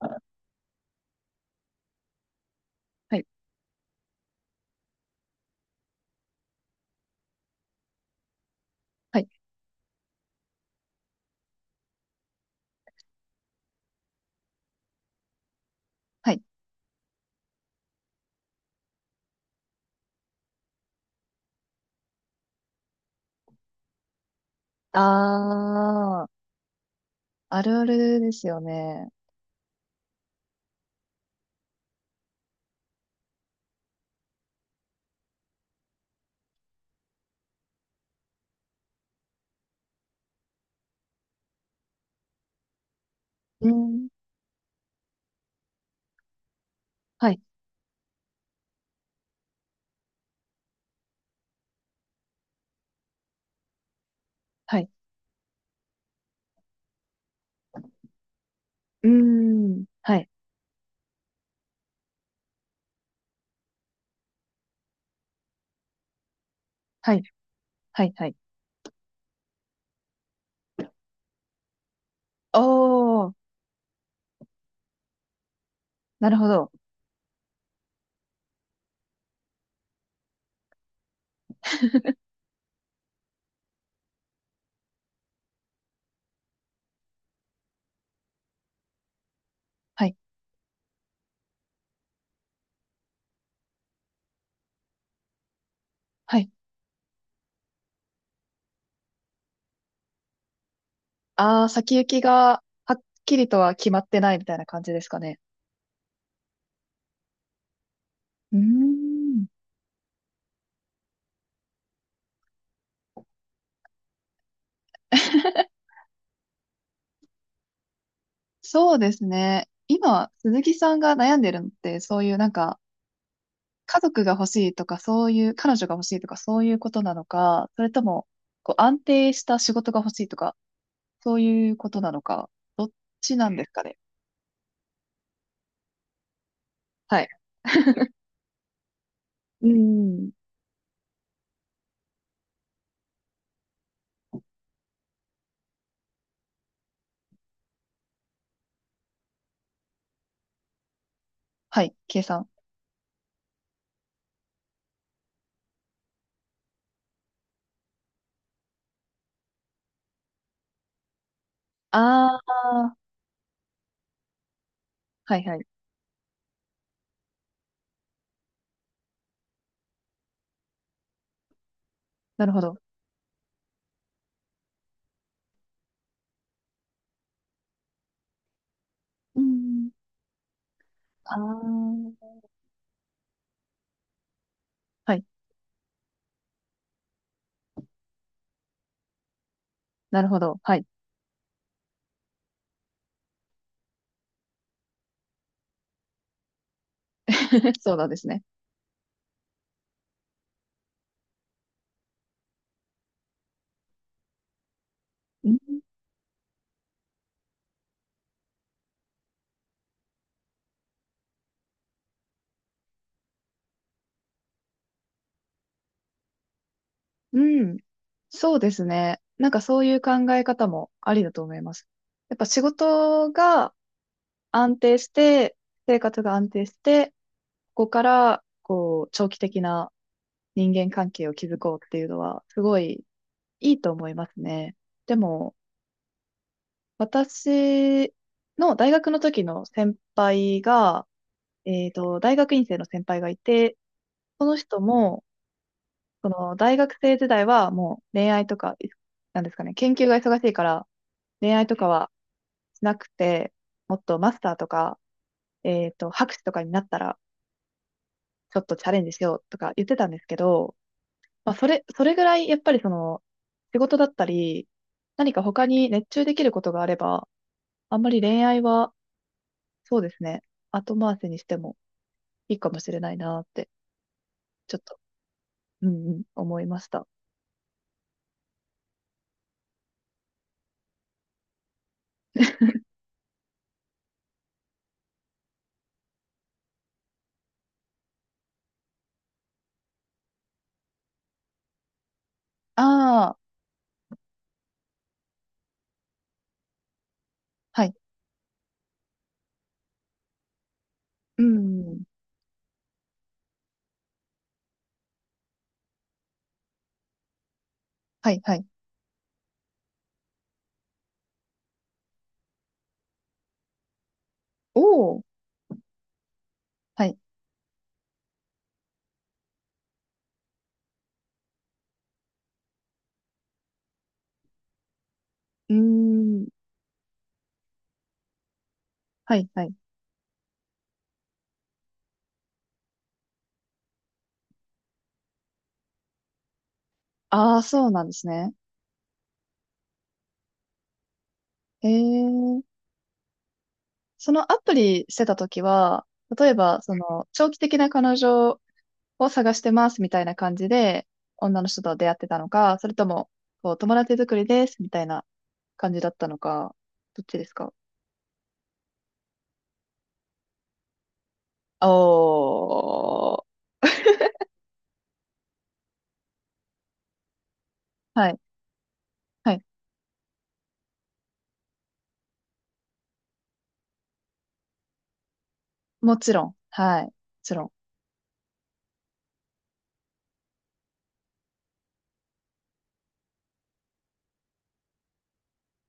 はい、はい、はい。あー、あるあるですよね。うん、はい、はい。うーん、はい、はい、はい、はい。おー、なるほど。はい、はい。あー、先行きがはっきりとは決まってないみたいな感じですかね。うーん。そうですね。今、鈴木さんが悩んでるのって、そういうなんか、家族が欲しいとか、そういう、彼女が欲しいとか、そういうことなのか、それとも、こう、安定した仕事が欲しいとか、そういうことなのか、どっちなんですかね。はい。うん。はい、計算。ああ、はいはい。なるほど。うん。ああ、はい。なるほど。はい。そうなんですね。うん。うん。そうですね。なんかそういう考え方もありだと思います。やっぱ仕事が安定して、生活が安定して、こからこう長期的な人間関係を築こうっていうのはすごいいいと思いますね。でも私の大学の時の先輩が、大学院生の先輩がいて、その人もその大学生時代はもう恋愛とか、なんですかね、研究が忙しいから恋愛とかはしなくて、もっとマスターとか、博士とかになったらちょっとチャレンジしようとか言ってたんですけど、まあ、それぐらい、やっぱりその、仕事だったり、何か他に熱中できることがあれば、あんまり恋愛は、そうですね、後回しにしてもいいかもしれないなって、ちょっと、うんうん、思いました。ああ、はい、うん、はい、はい。おお、はい、うーん、はい、はい。ああ、そうなんですね。ええ、そのアプリしてた時は、例えば、その、長期的な彼女を探してますみたいな感じで、女の人と出会ってたのか、それとも、こう、友達作りですみたいな感じだったのか、どっちですか？おー。はい、はい。もちろん。はい。もちろん。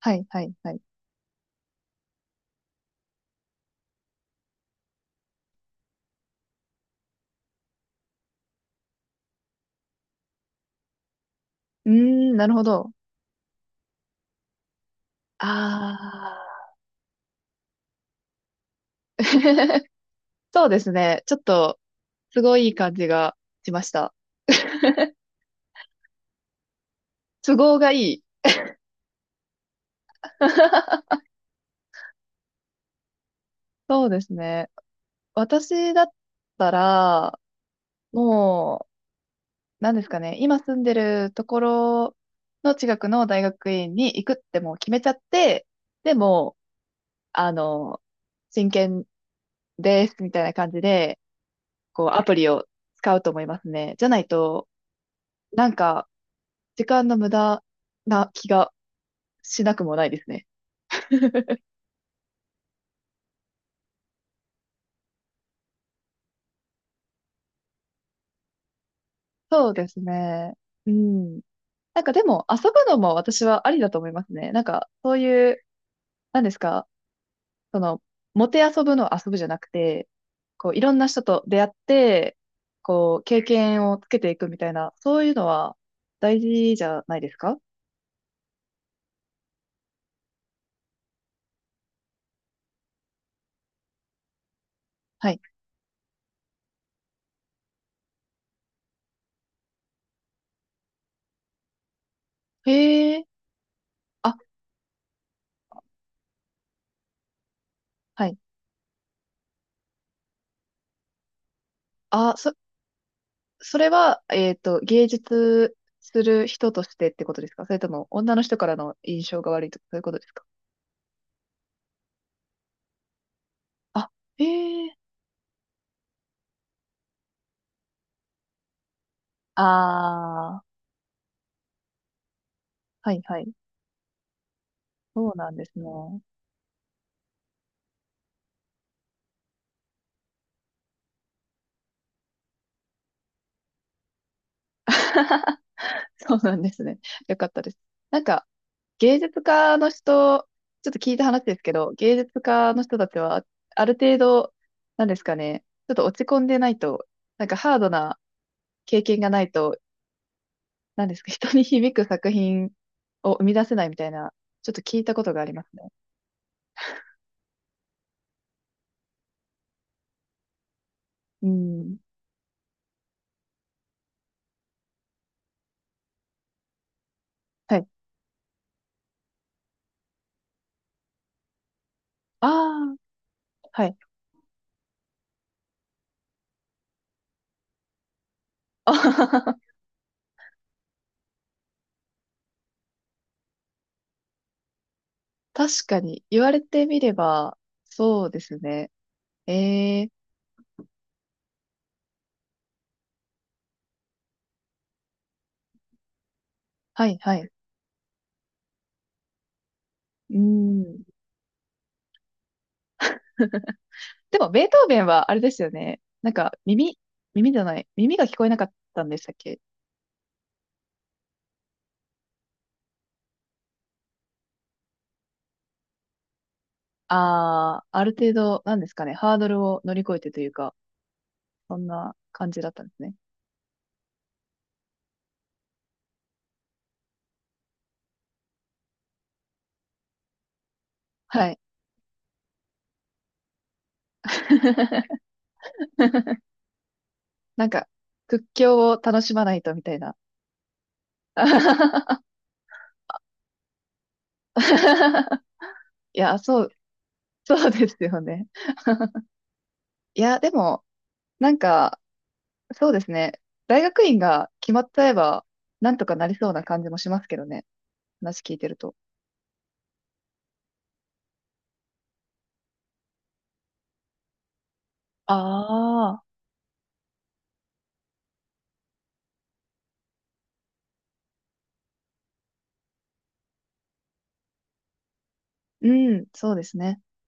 はい、はい、はい。うーん、なるほど。あー。そうですね。ちょっと、すごいいい感じがしました。都合がいい。そうですね。私だったら、もう、なんですかね、今住んでるところの近くの大学院に行くってもう決めちゃって、でも、あの、真剣ですみたいな感じで、こう、アプリを使うと思いますね。じゃないと、なんか、時間の無駄な気がしなくもないですね。そうですね。うん。なんかでも、遊ぶのも私はありだと思いますね。なんか、そういう、なんですか、その、もて遊ぶの遊ぶじゃなくて、こう、いろんな人と出会って、こう、経験をつけていくみたいな、そういうのは大事じゃないですか？はい。へえ、あ、はい。あ、それは、芸術する人としてってことですか？それとも、女の人からの印象が悪いとか、そういうことですか？あ、へえ、ああ、はいはい。そうなんですね。そうなんですね。よかったです。なんか、芸術家の人、ちょっと聞いた話ですけど、芸術家の人たちは、ある程度、なんですかね、ちょっと落ち込んでないと、なんかハードな経験がないと、なんですか、人に響く作品を生み出せないみたいな、ちょっと聞いたことがありますね。うん。はい。ああ、はい。あははは。確かに、言われてみれば、そうですね。ええ、はい、はい。うん。でも、ベートーベンはあれですよね。なんか、耳、耳じゃない。耳が聞こえなかったんでしたっけ？ああー、ある程度、なんですかね。ハードルを乗り越えてというか、そんな感じだったんですね。はい。なんか、屈強を楽しまないとみたいな。いや、そう、そうですよね。いや、でも、なんか、そうですね。大学院が決まっちゃえば、なんとかなりそうな感じもしますけどね。話聞いてると。ああ。うん、そうですね。